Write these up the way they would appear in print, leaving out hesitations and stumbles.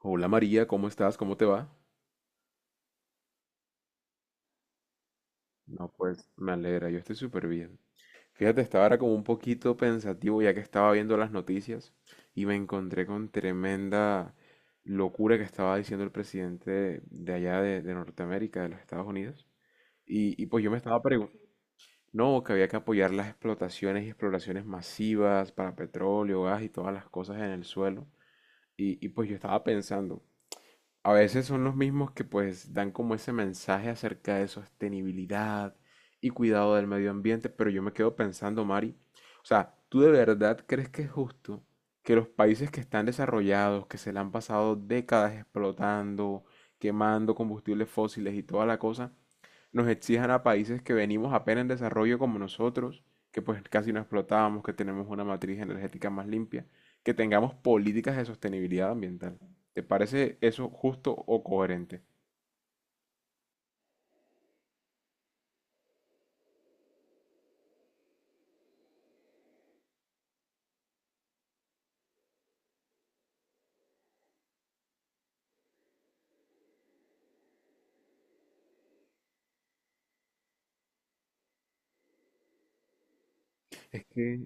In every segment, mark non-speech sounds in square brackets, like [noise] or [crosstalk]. Hola María, ¿cómo estás? ¿Cómo te va? No, pues me alegra, yo estoy súper bien. Fíjate, estaba ahora como un poquito pensativo ya que estaba viendo las noticias y me encontré con tremenda locura que estaba diciendo el presidente de allá de Norteamérica, de los Estados Unidos. Y pues yo me estaba preguntando, no, que había que apoyar las explotaciones y exploraciones masivas para petróleo, gas y todas las cosas en el suelo. Y pues yo estaba pensando, a veces son los mismos que pues dan como ese mensaje acerca de sostenibilidad y cuidado del medio ambiente, pero yo me quedo pensando, Mari, o sea, ¿tú de verdad crees que es justo que los países que están desarrollados, que se le han pasado décadas explotando, quemando combustibles fósiles y toda la cosa, nos exijan a países que venimos apenas en desarrollo como nosotros, que pues casi no explotábamos, que tenemos una matriz energética más limpia, que tengamos políticas de sostenibilidad ambiental? ¿Te parece eso justo o coherente? Es que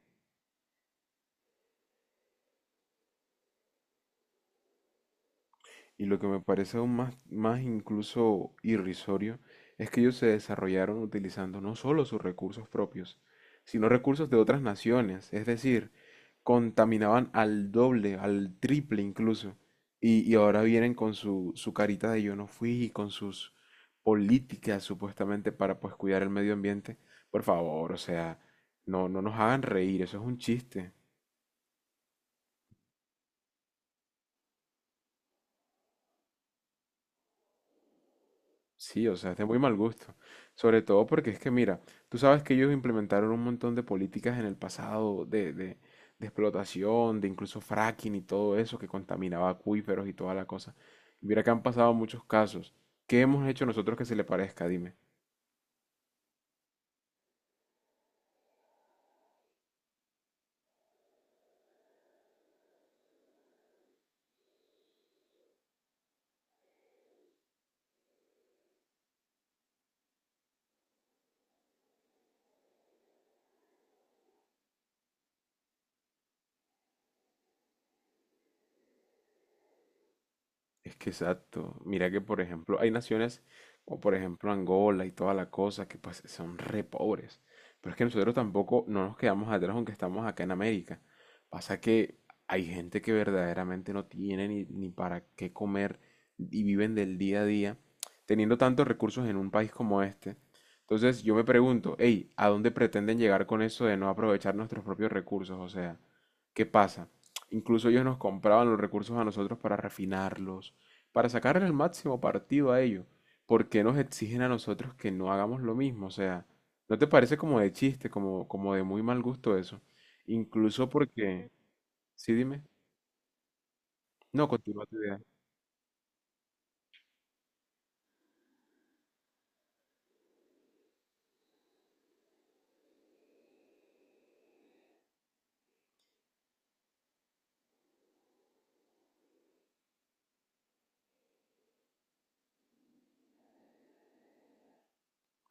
y lo que me parece aún más, más incluso irrisorio es que ellos se desarrollaron utilizando no solo sus recursos propios, sino recursos de otras naciones, es decir, contaminaban al doble, al triple incluso. Y ahora vienen con su carita de yo no fui y con sus políticas supuestamente para pues cuidar el medio ambiente. Por favor, o sea, no, no nos hagan reír, eso es un chiste. Sí, o sea, es de muy mal gusto. Sobre todo porque es que, mira, tú sabes que ellos implementaron un montón de políticas en el pasado de explotación, de incluso fracking y todo eso que contaminaba acuíferos y toda la cosa. Y mira que han pasado muchos casos. ¿Qué hemos hecho nosotros que se le parezca? Dime. Es que exacto. Mira que, por ejemplo, hay naciones como, por ejemplo, Angola y toda la cosa que pues son re pobres. Pero es que nosotros tampoco no nos quedamos atrás aunque estamos acá en América. Pasa que hay gente que verdaderamente no tiene ni para qué comer y viven del día a día teniendo tantos recursos en un país como este. Entonces yo me pregunto, hey, ¿a dónde pretenden llegar con eso de no aprovechar nuestros propios recursos? O sea, ¿qué pasa? Incluso ellos nos compraban los recursos a nosotros para refinarlos, para sacarle el máximo partido a ello, ¿por qué nos exigen a nosotros que no hagamos lo mismo? O sea, ¿no te parece como de chiste, como, como de muy mal gusto eso? Incluso porque, sí, dime, no, continúa tu idea.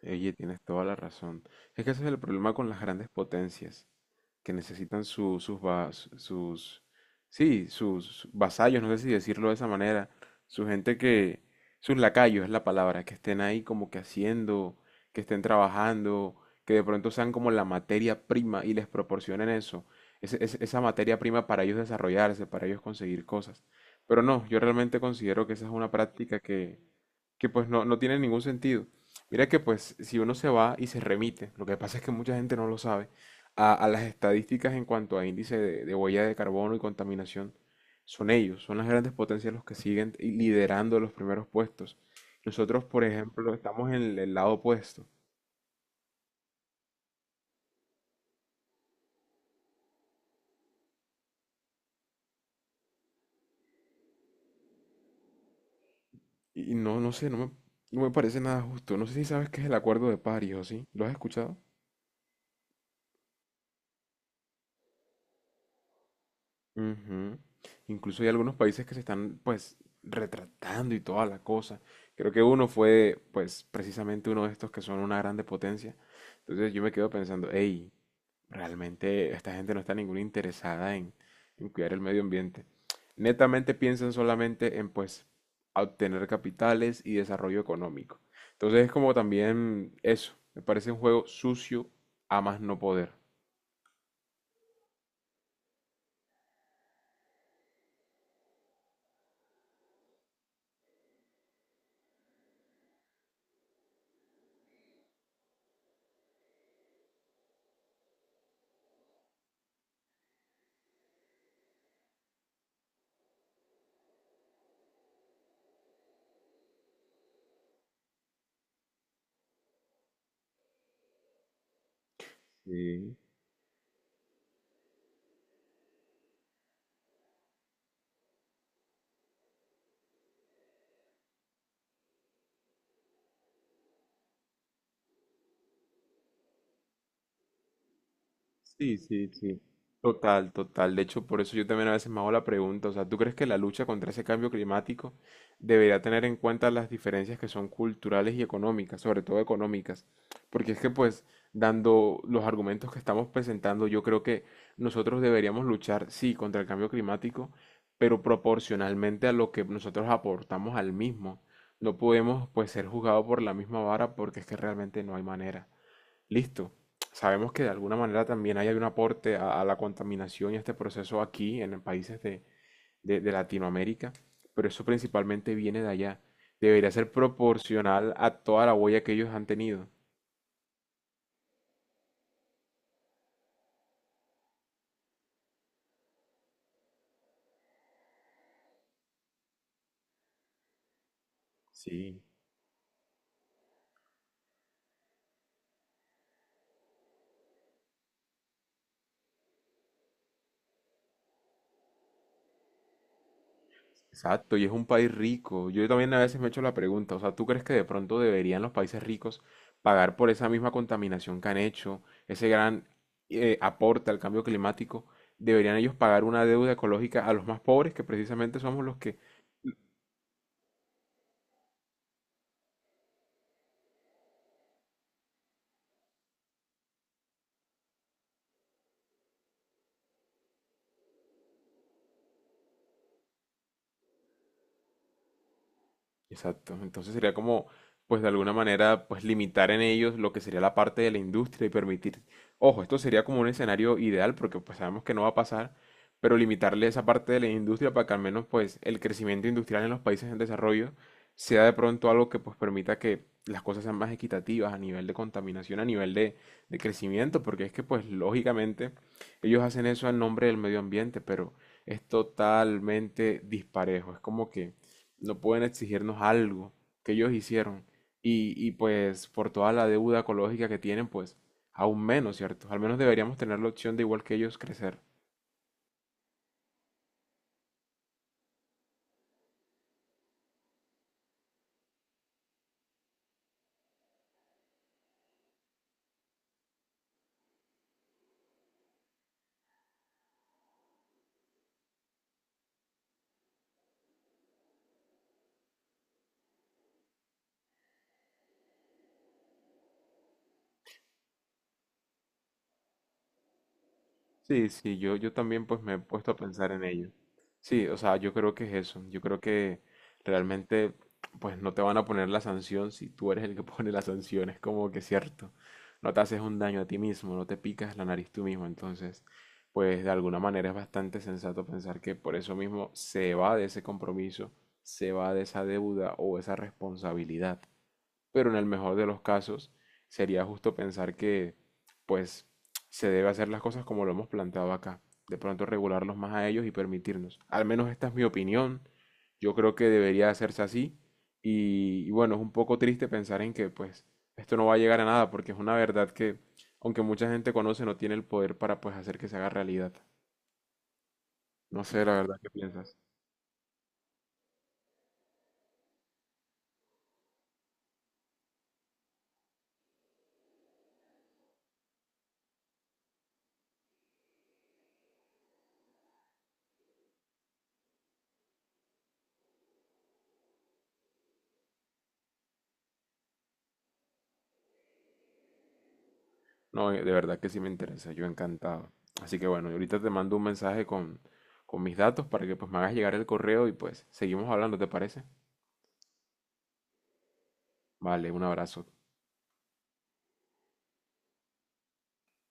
Oye, tienes toda la razón. Es que ese es el problema con las grandes potencias, que necesitan sus, sí, sus vasallos, no sé si decirlo de esa manera, su gente que, sus lacayos es la palabra, que estén ahí como que haciendo, que estén trabajando, que de pronto sean como la materia prima y les proporcionen eso, esa materia prima para ellos desarrollarse, para ellos conseguir cosas. Pero no, yo realmente considero que esa es una práctica que pues no, no tiene ningún sentido. Mira que pues si uno se va y se remite, lo que pasa es que mucha gente no lo sabe, a las estadísticas en cuanto a índice de huella de carbono y contaminación, son ellos, son las grandes potencias los que siguen y liderando los primeros puestos. Nosotros, por ejemplo, estamos en el lado opuesto. Y no, no sé, no me parece nada justo. No sé si sabes qué es el Acuerdo de París o sí. ¿Lo has escuchado? Ujú. Incluso hay algunos países que se están pues retratando y toda la cosa. Creo que uno fue pues precisamente uno de estos que son una grande potencia. Entonces yo me quedo pensando, hey, realmente esta gente no está ninguna interesada en cuidar el medio ambiente. Netamente piensan solamente en pues obtener capitales y desarrollo económico. Entonces es como también eso, me parece un juego sucio a más no poder. Sí. Sí, sí, sí. Total, total. De hecho, por eso yo también a veces me hago la pregunta, o sea, ¿tú crees que la lucha contra ese cambio climático debería tener en cuenta las diferencias que son culturales y económicas, sobre todo económicas? Porque es que pues, dando los argumentos que estamos presentando, yo creo que nosotros deberíamos luchar, sí, contra el cambio climático, pero proporcionalmente a lo que nosotros aportamos al mismo. No podemos pues ser juzgados por la misma vara porque es que realmente no hay manera. Listo. Sabemos que de alguna manera también hay un aporte a la contaminación y a este proceso aquí en países de Latinoamérica, pero eso principalmente viene de allá. Debería ser proporcional a toda la huella que ellos han tenido. Sí, exacto. Y es un país rico. Yo también a veces me he hecho la pregunta, o sea, ¿tú crees que de pronto deberían los países ricos pagar por esa misma contaminación que han hecho, ese gran aporte al cambio climático? ¿Deberían ellos pagar una deuda ecológica a los más pobres, que precisamente somos los que exacto? Entonces sería como, pues de alguna manera, pues limitar en ellos lo que sería la parte de la industria y permitir, ojo, esto sería como un escenario ideal porque pues sabemos que no va a pasar, pero limitarle esa parte de la industria para que al menos pues el crecimiento industrial en los países en desarrollo sea de pronto algo que pues permita que las cosas sean más equitativas a nivel de contaminación, a nivel de crecimiento, porque es que pues lógicamente ellos hacen eso en nombre del medio ambiente, pero es totalmente disparejo. Es como que no pueden exigirnos algo que ellos hicieron. Y pues por toda la deuda ecológica que tienen, pues aún menos, ¿cierto? Al menos deberíamos tener la opción de igual que ellos crecer. Sí, sí, yo también pues me he puesto a pensar en ello. Sí, o sea, yo creo que es eso. Yo creo que realmente pues no te van a poner la sanción si tú eres el que [laughs] pone la sanción. Es como que cierto. No te haces un daño a ti mismo, no te picas la nariz tú mismo. Entonces, pues de alguna manera es bastante sensato pensar que por eso mismo se va de ese compromiso, se va de esa deuda o esa responsabilidad, pero en el mejor de los casos sería justo pensar que pues se debe hacer las cosas como lo hemos planteado acá, de pronto regularlos más a ellos y permitirnos. Al menos esta es mi opinión, yo creo que debería hacerse así y bueno, es un poco triste pensar en que pues esto no va a llegar a nada porque es una verdad que aunque mucha gente conoce no tiene el poder para pues hacer que se haga realidad. No sé la verdad qué piensas. No, de verdad que sí me interesa, yo encantado. Así que bueno, ahorita te mando un mensaje con mis datos para que pues me hagas llegar el correo y pues seguimos hablando, ¿te parece? Vale, un abrazo.